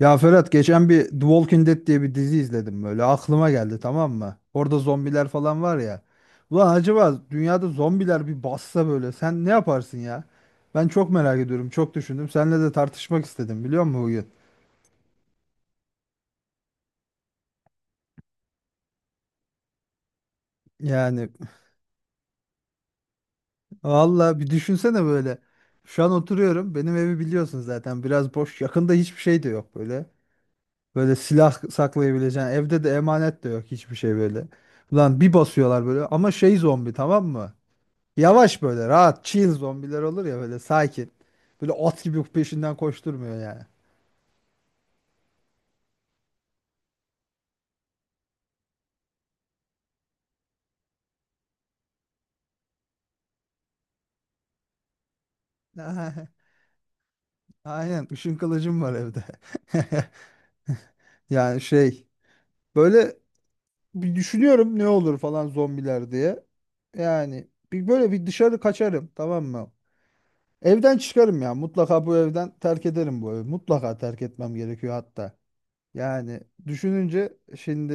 Ya Ferhat geçen bir The Walking Dead diye bir dizi izledim böyle aklıma geldi, tamam mı? Orada zombiler falan var ya. Ulan, acaba dünyada zombiler bir bassa böyle sen ne yaparsın ya? Ben çok merak ediyorum, çok düşündüm. Seninle de tartışmak istedim, biliyor musun, bugün? Yani valla bir düşünsene böyle. Şu an oturuyorum, benim evi biliyorsun zaten, biraz boş, yakında hiçbir şey de yok böyle. Böyle silah saklayabileceğin evde de emanet de yok, hiçbir şey böyle. Ulan bir basıyorlar böyle, ama şey, zombi, tamam mı? Yavaş böyle, rahat chill zombiler olur ya, böyle sakin. Böyle at gibi peşinden koşturmuyor yani. Aynen, ışın kılıcım var evde. Yani şey, böyle bir düşünüyorum, ne olur falan zombiler diye. Yani bir böyle bir dışarı kaçarım, tamam mı? Evden çıkarım ya, mutlaka bu evden, terk ederim bu evi. Mutlaka terk etmem gerekiyor hatta. Yani düşününce şimdi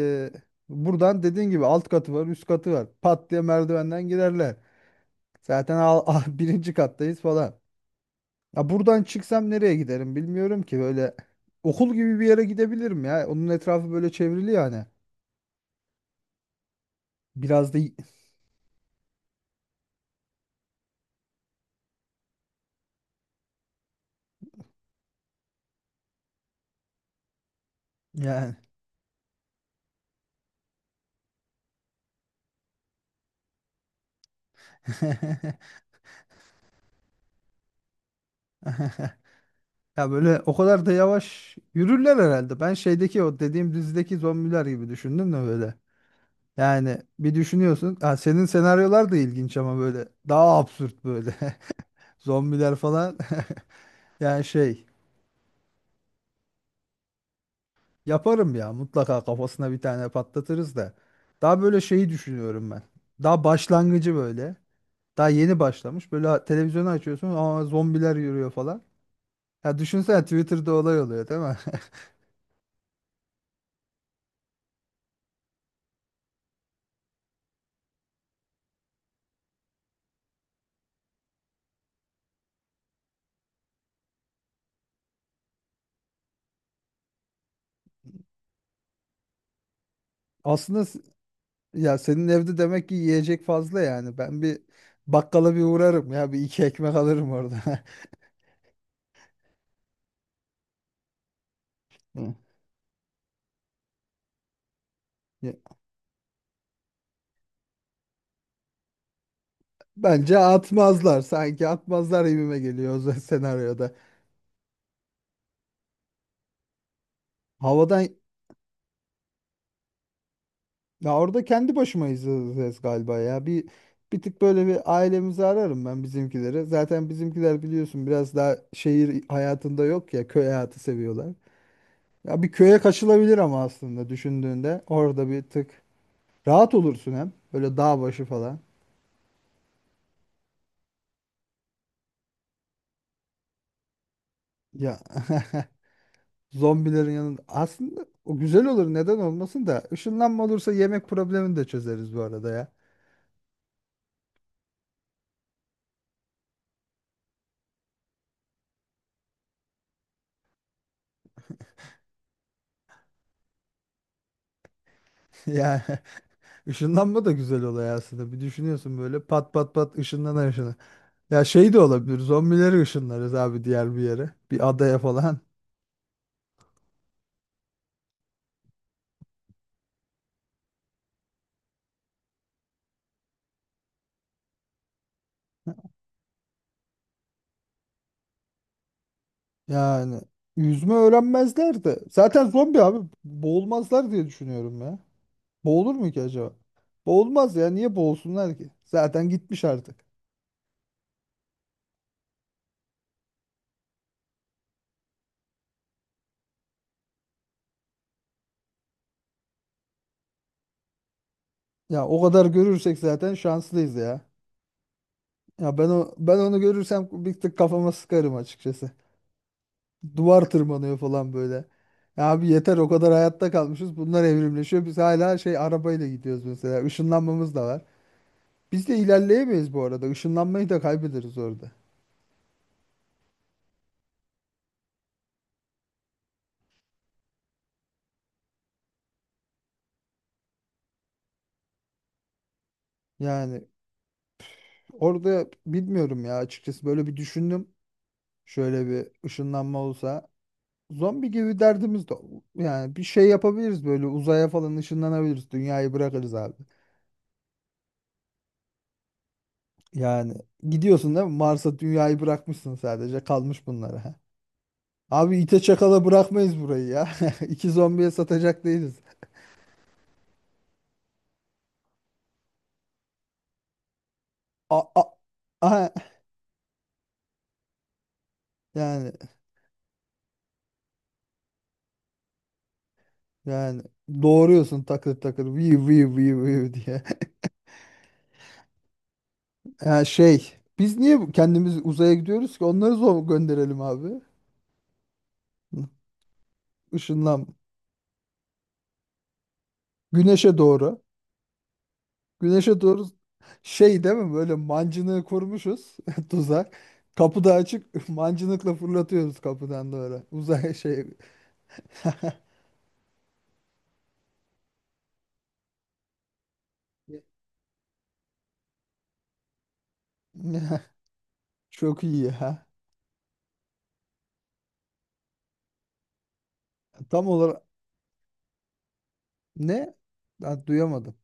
buradan, dediğin gibi alt katı var, üst katı var. Pat diye merdivenden girerler. Zaten al, birinci kattayız falan. Ya buradan çıksam nereye giderim bilmiyorum ki. Böyle okul gibi bir yere gidebilirim ya. Onun etrafı böyle çevrili yani. Biraz da yani. Ya böyle o kadar da yavaş yürürler herhalde. Ben şeydeki, o dediğim dizideki zombiler gibi düşündüm de böyle. Yani bir düşünüyorsun. Ha, senin senaryolar da ilginç ama, böyle daha absürt böyle. Zombiler falan. Yani şey. Yaparım ya, mutlaka kafasına bir tane patlatırız da. Daha böyle şeyi düşünüyorum ben. Daha başlangıcı böyle. Daha yeni başlamış. Böyle televizyonu açıyorsun ama zombiler yürüyor falan. Ya düşünsene, Twitter'da olay oluyor, değil mi? Aslında ya senin evde demek ki yiyecek fazla yani. Ben bir bakkala bir uğrarım ya. Bir iki ekmek alırım orada. Hı. Ya, bence atmazlar. Sanki atmazlar gibime geliyor o senaryoda. Havadan. Ya, orada kendi başıma izleyeceğiz galiba ya. bir tık böyle, bir ailemizi ararım ben, bizimkileri. Zaten bizimkiler biliyorsun, biraz daha şehir hayatında yok ya, köy hayatı seviyorlar. Ya bir köye kaçılabilir ama aslında düşündüğünde orada bir tık rahat olursun hem. Böyle dağ başı falan. Ya zombilerin yanında aslında o güzel olur, neden olmasın da; ışınlanma olursa yemek problemini de çözeriz bu arada ya. Ya. Işınlanma da güzel olay aslında. Bir düşünüyorsun böyle, pat pat pat, ışınlanan ışınlanan. Ya şey de olabilir. Zombileri ışınlarız abi diğer bir yere. Bir adaya falan. Yani, yüzme öğrenmezler de, zaten zombi abi, boğulmazlar diye düşünüyorum ya. Boğulur mu ki acaba? Boğulmaz ya. Niye boğulsunlar ki? Zaten gitmiş artık. Ya o kadar görürsek zaten şanslıyız ya. Ya ben onu görürsem bir tık kafama sıkarım açıkçası. Duvar tırmanıyor falan böyle. Ya abi, yeter o kadar hayatta kalmışız. Bunlar evrimleşiyor. Biz hala şey, arabayla gidiyoruz mesela. Işınlanmamız da var. Biz de ilerleyemeyiz bu arada. Işınlanmayı da kaybederiz orada. Yani orada bilmiyorum ya, açıkçası böyle bir düşündüm. Şöyle bir ışınlanma olsa, zombi gibi derdimiz de, yani bir şey yapabiliriz, böyle uzaya falan ışınlanabiliriz. Dünyayı bırakırız abi. Yani gidiyorsun değil mi? Mars'a, dünyayı bırakmışsın sadece. Kalmış bunlara. Abi, ite çakala bırakmayız burayı ya. İki zombiye satacak değiliz. A, a, aha. Yani yani doğuruyorsun, takır takır, vi vi vi vi diye. Yani şey, biz niye kendimiz uzaya gidiyoruz ki? Onları zor gönderelim abi. Hı, Işınlan. Güneşe doğru. Güneşe doğru şey değil mi, böyle mancınığı kurmuşuz tuzak. Kapı da açık. Mancınıkla fırlatıyoruz kapıdan doğru. Uzay şey. Çok iyi ya. Tam olarak ne? Ben duyamadım.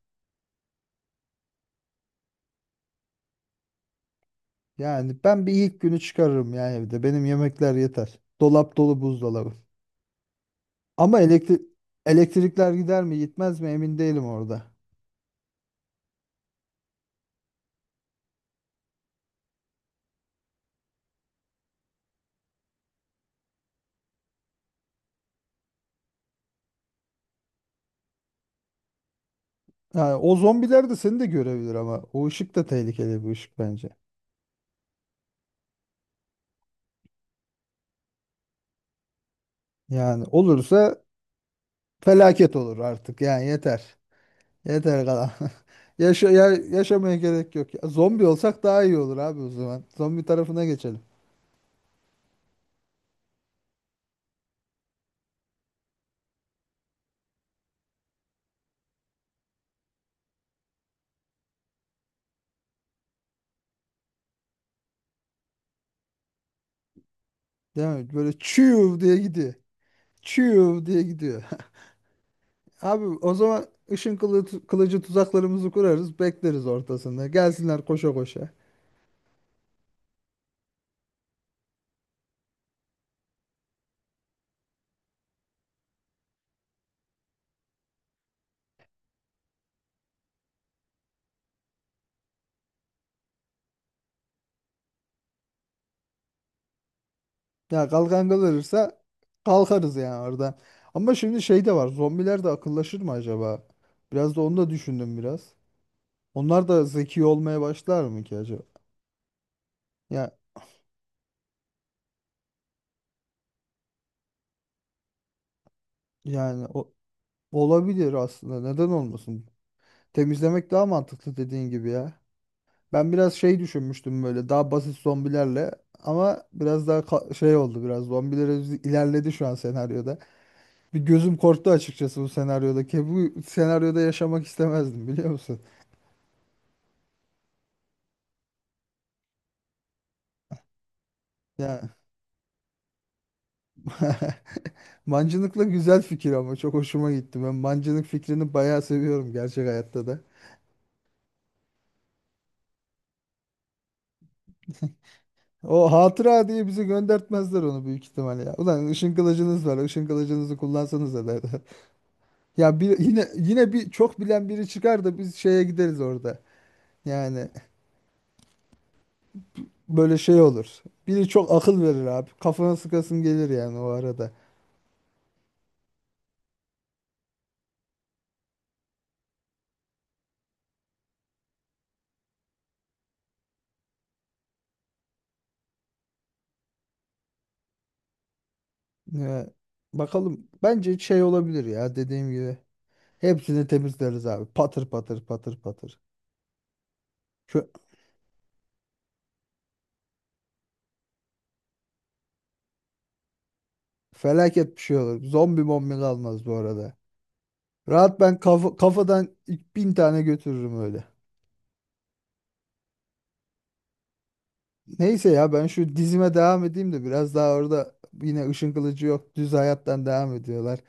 Yani ben bir ilk günü çıkarırım yani evde. Benim yemekler yeter. Dolap dolu, buzdolabı. Ama elektrikler gider mi gitmez mi emin değilim orada. Yani o zombiler de seni de görebilir ama o ışık da tehlikeli bir ışık bence. Yani olursa, felaket olur artık yani, yeter. Yeter kalan. Yaşa, yaşamaya gerek yok. Ya, zombi olsak daha iyi olur abi o zaman. Zombi tarafına geçelim. Değil mi? Böyle çiğ diye gidiyor. Çiğ diye gidiyor. Abi o zaman, ışın kılıcı tuzaklarımızı kurarız. Bekleriz ortasında. Gelsinler koşa koşa. Ya kalkan kalırsa kalkarız yani oradan. Ama şimdi şey de var. Zombiler de akıllaşır mı acaba? Biraz da onu da düşündüm biraz. Onlar da zeki olmaya başlar mı ki acaba? Ya, yani o, olabilir aslında. Neden olmasın? Temizlemek daha mantıklı, dediğin gibi ya. Ben biraz şey düşünmüştüm, böyle daha basit zombilerle, ama biraz daha şey oldu, biraz zombilere ilerledi şu an senaryoda. Bir gözüm korktu açıkçası bu senaryoda. Ki bu senaryoda yaşamak istemezdim, biliyor musun? Ya mancınıkla güzel fikir ama, çok hoşuma gitti. Ben mancınık fikrini bayağı seviyorum gerçek hayatta da. O hatıra diye bizi göndertmezler onu, büyük ihtimal ya. Ulan ışın kılıcınız var, Işın kılıcınızı kullansanız da derler. Ya bir, yine bir çok bilen biri çıkar da biz şeye gideriz orada. Yani böyle şey olur. Biri çok akıl verir abi. Kafana sıkasın gelir yani o arada. Ya, bakalım. Bence şey olabilir ya, dediğim gibi. Hepsini temizleriz abi. Patır patır patır patır. Şu felaket bir şey olur. Zombi mombi kalmaz bu arada. Rahat ben kafadan ilk 1.000 tane götürürüm öyle. Neyse ya, ben şu dizime devam edeyim de, biraz daha orada yine Işın Kılıcı yok, düz hayattan devam ediyorlar.